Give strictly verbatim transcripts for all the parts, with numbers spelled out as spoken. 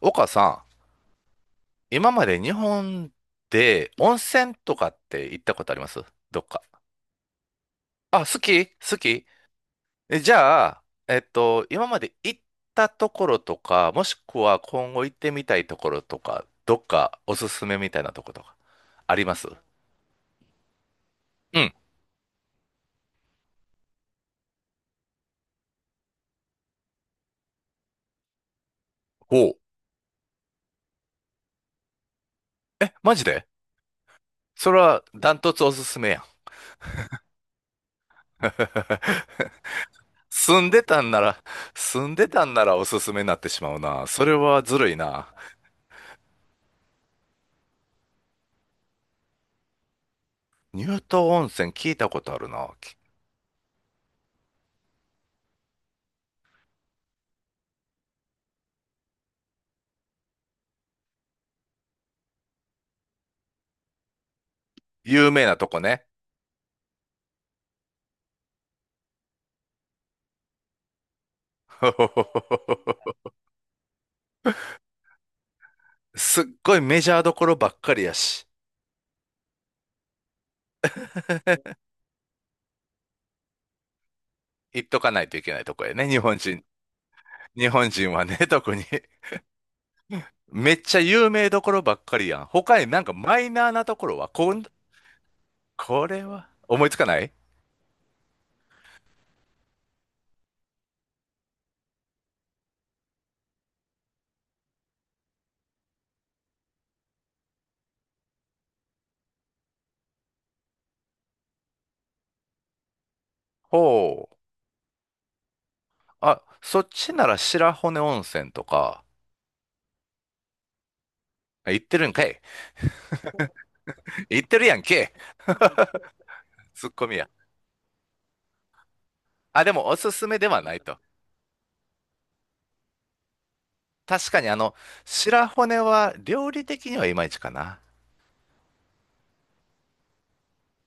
岡さん、今まで日本で温泉とかって行ったことあります？どっか。あ、好き好き。えじゃあ、えっと、今まで行ったところとか、もしくは今後行ってみたいところとか、どっかおすすめみたいなとことか、あります？うん。ほう。え、マジで？それはダントツおすすめやん。住んでたんなら、住んでたんならおすすめになってしまうな。それはずるいな。乳頭温泉聞いたことあるな。有名なとこね。すっごいメジャーどころばっかりやし、行っとかないといけないとこやね、日本人。日本人はね、特に。めっちゃ有名どころばっかりやん。他になんかマイナーなところは、こん、これは、思いつかない？ほう。あ、そっちなら白骨温泉とか、あ行ってるんかい。行ってるやんけ。ツッコミや。あ、でもおすすめではないと。確かにあの、白骨は料理的にはいまいちかな。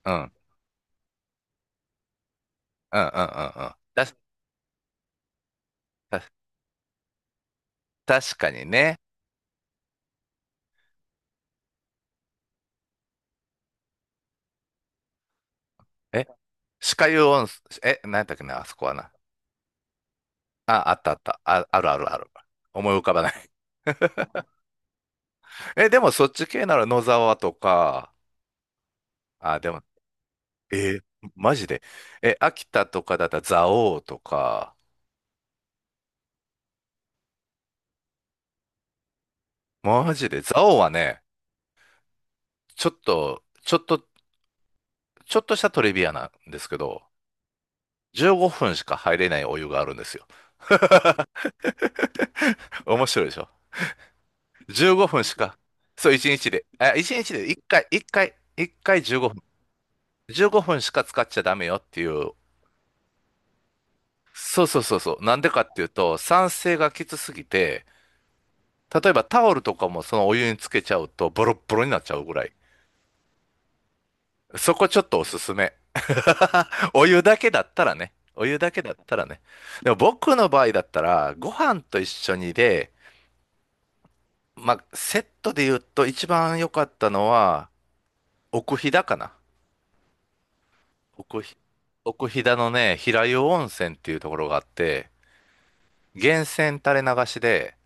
うん、うん、うん、うん、うん。だた確かにね。え、歯科湯温泉、え、何だったっけな、あそこはな。あ、あったあった。あ、あるあるある。思い浮かばない。え、でもそっち系なら野沢とか、あ、でも、えーマジで。え、秋田とかだったら蔵王とか、マジで。蔵王はね、ちょっと、ちょっと、ちょっとしたトリビアなんですけど、じゅうごふんしか入れないお湯があるんですよ。面白いでしょ？ じゅうご 分しか。そう、いちにちで。あ、いちにちでいっかい、いっかい、いっかいじゅうごふん。じゅうごふんしか使っちゃダメよっていう。そうそうそうそう。なんでかっていうと、酸性がきつすぎて、例えばタオルとかもそのお湯につけちゃうとボロッボロになっちゃうぐらい。そこちょっとおすすめ。お湯だけだったらね。お湯だけだったらね。でも僕の場合だったら、ご飯と一緒にで、まあ、セットで言うと一番良かったのは、奥飛騨かな。奥飛、奥飛騨のね、平湯温泉っていうところがあって、源泉垂れ流しで、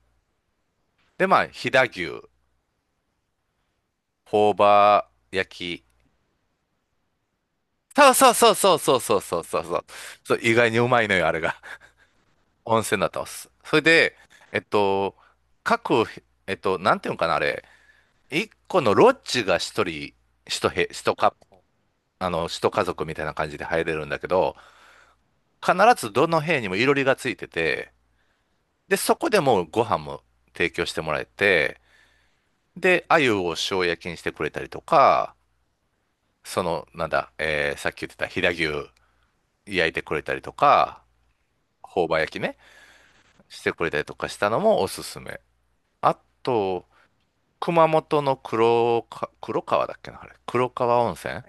で、まあ、飛騨牛、朴葉焼き。そうそうそうそうそうそうそうそうそう。そう、意外にうまいのよ、あれが。温泉だったんです。それで、えっと、各、えっと、なんていうのかな、あれ。一個のロッジが一人、一部、一か、あの、一家族みたいな感じで入れるんだけど、必ずどの部屋にもいろりがついてて、で、そこでもうご飯も提供してもらえて、で、鮎を塩焼きにしてくれたりとか、その、なんだ、えーさっき言ってた飛騨牛、焼いてくれたりとか、朴葉焼きね、してくれたりとかしたのもおすすめ。あと、熊本の黒か、黒川だっけな、あれ。黒川温泉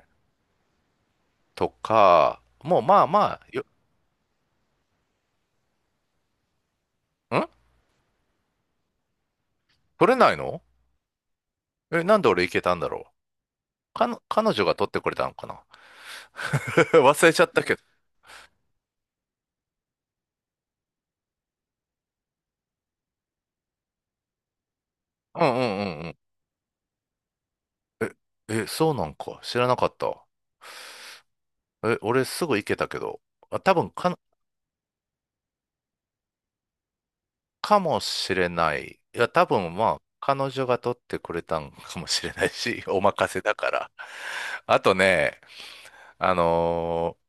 とか、もうまあまあ、よ、ん取れないの？え、なんで俺行けたんだろう。かの、彼女が取ってくれたのかな？ 忘れちゃったけど。うんうんうんうん。え、え、そうなんか。知らなかった。え、俺すぐ行けたけど。あ、多分か、かもしれない。いや、多分まあ、彼女が取ってくれたんかもしれないし、お任せだから。あとね、あのー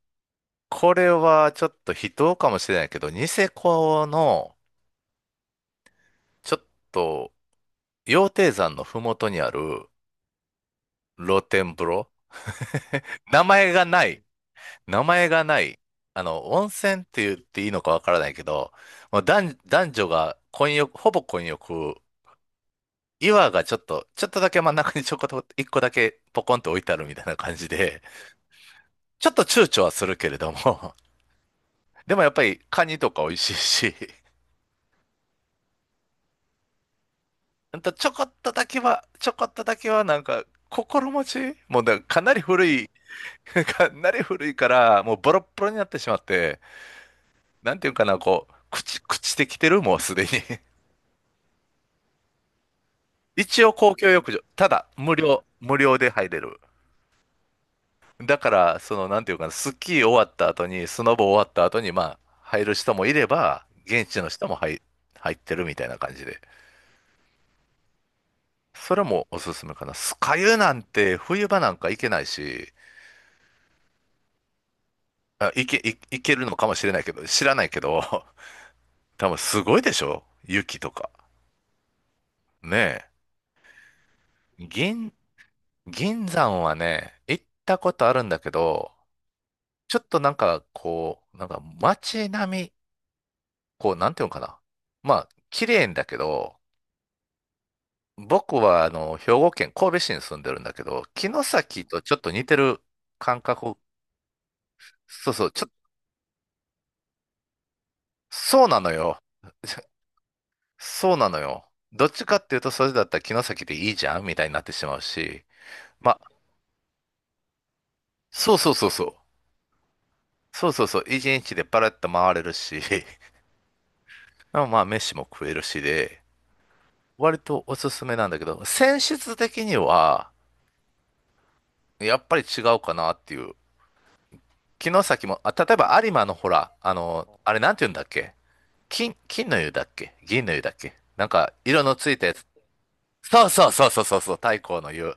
これはちょっと非道かもしれないけど、ニセコの、ちょっと、羊蹄山のふもとにある露天風呂。名前がない。名前がない。あの、温泉って言っていいのかわからないけど、もう男、男女が混浴、ほぼ混浴岩がちょっと、ちょっとだけ真ん中にちょこっと一個だけポコンと置いてあるみたいな感じで、ちょっと躊躇はするけれども、でもやっぱりカニとか美味しいし、ほんとちょこっとだけは、ちょこっとだけはなんか心持ちもうだからかなり古い、かなり古いから、もうボロッボロになってしまって、なんていうかな、こう、朽ち、朽ちてきてる、もうすでに。一応公共浴場、ただ無料、無料で入れる。だから、その、なんていうかな、スキー終わった後に、スノボ終わった後に、まあ、入る人もいれば、現地の人も入、入ってるみたいな感じで。それもおすすめかな。酸ヶ湯なんて、冬場なんか行けないし、あ、行け、い行けるのかもしれないけど、知らないけど、多分すごいでしょ雪とか。ねえ。銀、銀山はね、行ったことあるんだけど、ちょっとなんか、こう、なんか街並み、こう、なんていうのかな。まあ、綺麗んだけど、僕はあの兵庫県神戸市に住んでるんだけど、城崎とちょっと似てる感覚、そうそう、ちょ、そうなのよ。そうなのよ。どっちかっていうと、それだったら城崎でいいじゃんみたいになってしまうし、まあ、そうそうそうそう。そうそうそう。一日でパラッと回れるし、まあ、まあ飯も食えるしで、割とおすすめなんだけど、選出的には、やっぱり違うかなっていう。城崎も、あ、例えば有馬のほら、あの、あれなんて言うんだっけ？金、金の湯だっけ銀の湯だっけなんか、色のついたやつ。そうそうそうそうそうそう、太閤の湯。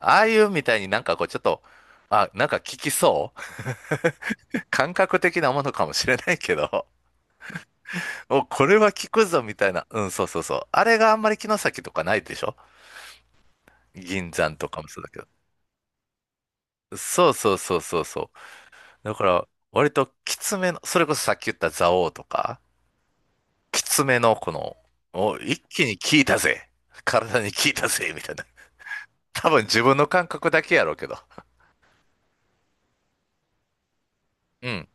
ああいうみたいになんかこう、ちょっと、あ、なんか効きそう 感覚的なものかもしれないけど、お、これは効くぞみたいな。うん、そうそうそう。あれがあんまり城崎とかないでしょ？銀山とかもそうだけど。そうそうそうそうそう。だから、割ときつめの、それこそさっき言った蔵王とか、きつめのこの、お、一気に効いたぜ。体に効いたぜ、みたいな多分自分の感覚だけやろうけど。うん、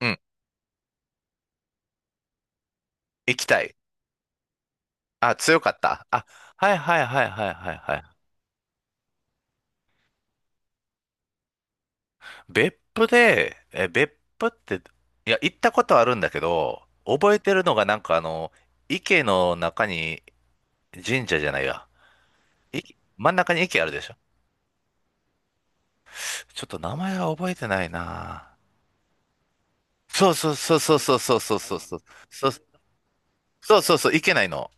うん、行きたい。あ、強かった。あ、はいはいはいはいはいはい。別府で、え、別府って、いや、行ったことあるんだけど、覚えてるのがなんかあの、池の中に神社じゃないや。い、真ん中に池あるでしょ？ちょっと名前が覚えてないな。そうそうそうそうそうそうそうそうそう。そうそうそうそう、いけないの。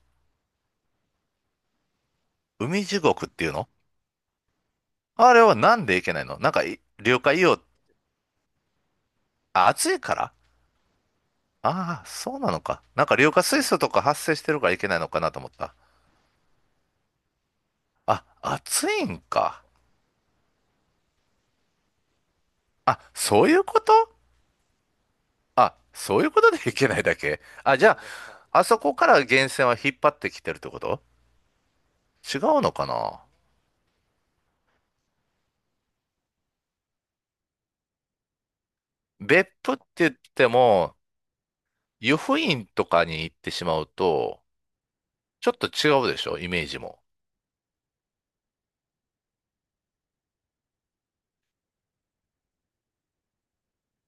海地獄っていうの？あれはなんでいけないのなんかい、了解よ。あ、暑いから？ああ、そうなのか。なんか硫化水素とか発生してるからいけないのかなと思った。あ、暑いんか。あ、そういうこと？あ、そういうことでいけないだけ。あ、じゃあ、あそこから源泉は引っ張ってきてるってこと？違うのかな？別府って言っても、湯布院とかに行ってしまうと、ちょっと違うでしょイメージも。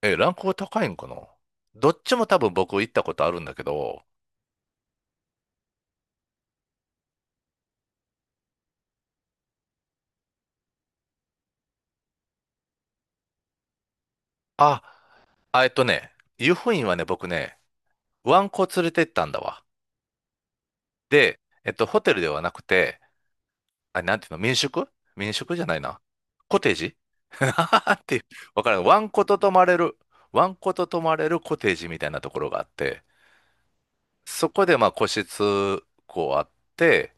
え、ランクが高いんかな？どっちも多分僕行ったことあるんだけど、あ、あえっとね、湯布院はね、僕ね、ワンコ連れてったんだわ。で、えっと、ホテルではなくて、あ、なんていうの、民宿民宿じゃないな。コテージ っていう、わからん。ワンコと泊まれる、ワンコと泊まれるコテージみたいなところがあって、そこでまあ個室、こうあって、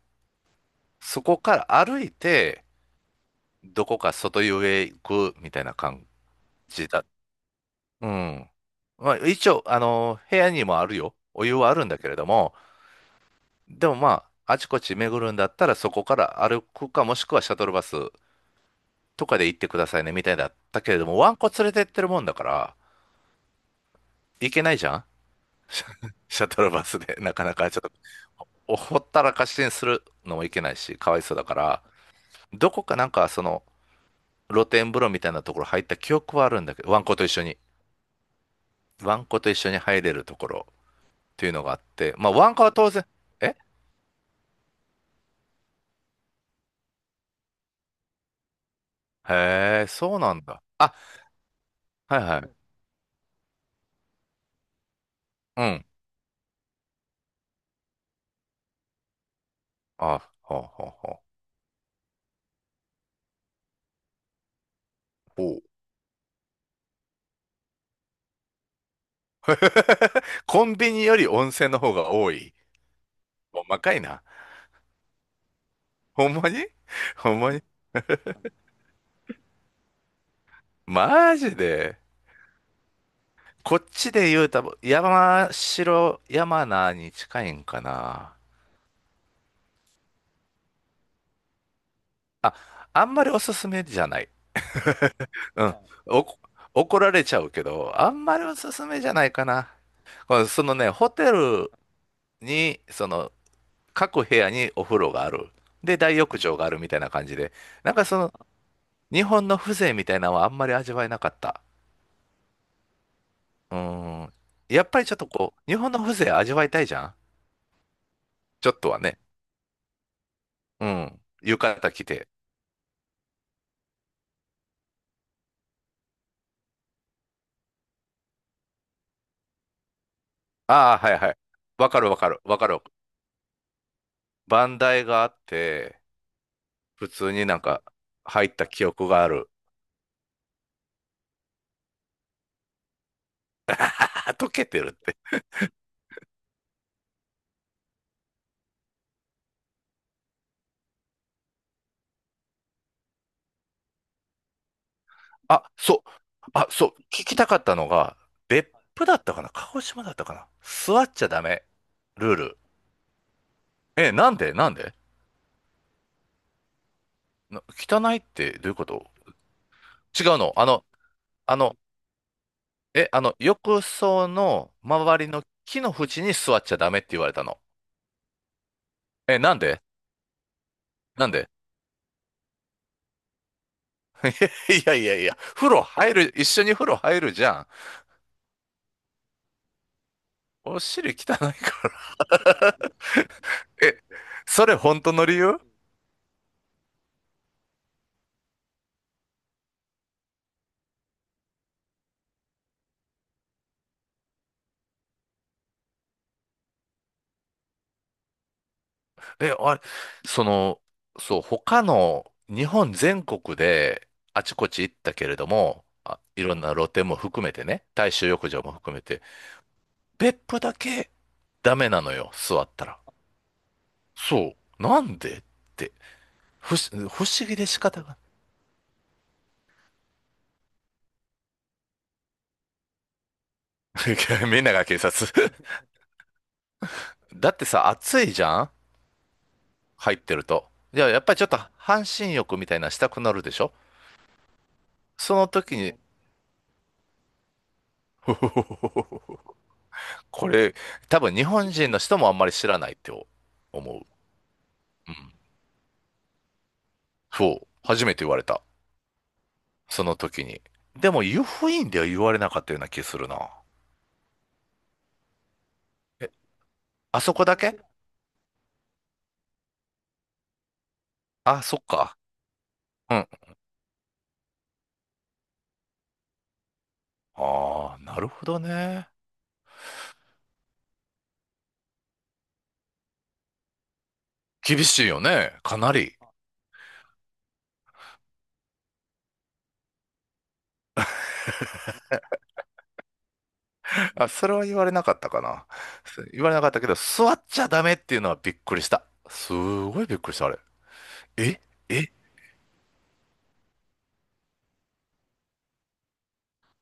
そこから歩いて、どこか外湯へ行くみたいな感じだ。うん。まあ一応、あの、部屋にもあるよ。お湯はあるんだけれども、でもまあ、あちこち巡るんだったらそこから歩くかもしくはシャトルバスとかで行ってくださいね、みたいだったけれども、ワンコ連れてってるもんだから、行けないじゃん。 シャトルバスで、なかなかちょっと、おほったらかしにするのもいけないし、かわいそうだから、どこかなんかその、露天風呂みたいなところ入った記憶はあるんだけど、ワンコと一緒に、ワンコと一緒に入れるところっていうのがあって、まあ、ワンコは当然、え、へえ、そうなんだ。あ、はいはい。うん。あ、ほうほうほう。ほう。 コンビニより温泉の方が多い。細かいな。ほんまに。ほんまに。マジで。こっちで言うたら山城山名に近いんかな。あ、あんまりおすすめじゃない。うん。おこ、怒られちゃうけど、あんまりおすすめじゃないかな。このそのね、ホテルに、その、各部屋にお風呂がある。で、大浴場があるみたいな感じで。なんかその、日本の風情みたいなのはあんまり味わえなかった。うーん。やっぱりちょっとこう、日本の風情味わいたいじゃん。ちょっとはね。うん。浴衣着て。ああ、はいはい。わかるわかる。わかる。バンダイがあって、普通になんか入った記憶がある。あ、溶けてるって。あ、そう。あ、そう。聞きたかったのが、別府だったかな、鹿児島だったかな。座っちゃダメ。ルール。え、なんでなんで。な、汚いってどういうこと。違うの、あの、あの、え、あの、浴槽の周りの木の縁に座っちゃダメって言われたの。え、なんでなんで。 いやいやいや、風呂入る、一緒に風呂入るじゃん。お尻汚いから。え、それ本当の理由。え、あれ、その、そう、他の日本全国であちこち行ったけれども、あ、いろんな露店も含めてね、大衆浴場も含めて、別府だけダメなのよ、座ったら。そう、なんでって、不思、不思議で仕方がない。みんなが警察。だってさ、暑いじゃん入ってると。じゃあ、やっぱりちょっと半身浴みたいなしたくなるでしょ。その時に、ふふふふふ。これ、多分日本人の人もあんまり知らないって思う。うん。そう。初めて言われた。その時に。でも、湯布院では言われなかったような気するな。え、あそこだけ。あ、そっか。うん。ああ、なるほどね。厳しいよね。かなり。あ、それは言われなかったかな。言われなかったけど、座っちゃダメっていうのはびっくりした。すごいびっくりした、あれ。え、え、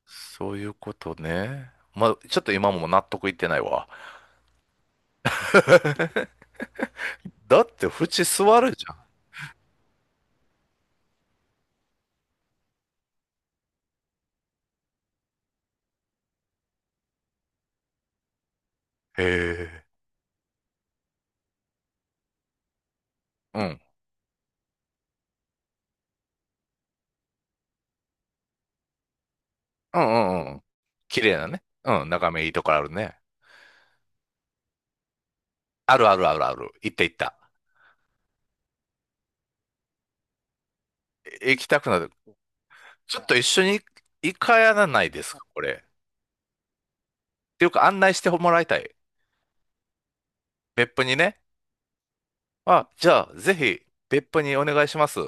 そういうことね。まあ、ちょっと今も納得いってないわ。だって縁座るじゃん。へえ。うん。うんうんうん。綺麗なね。うん。眺めいいところあるね。あるあるあるある。行った行った。え、行きたくなる。ちょっと一緒に行かやらないですか、これ。っていうか案内してもらいたい。別府にね。あ、じゃあ、ぜひ、別府にお願いします。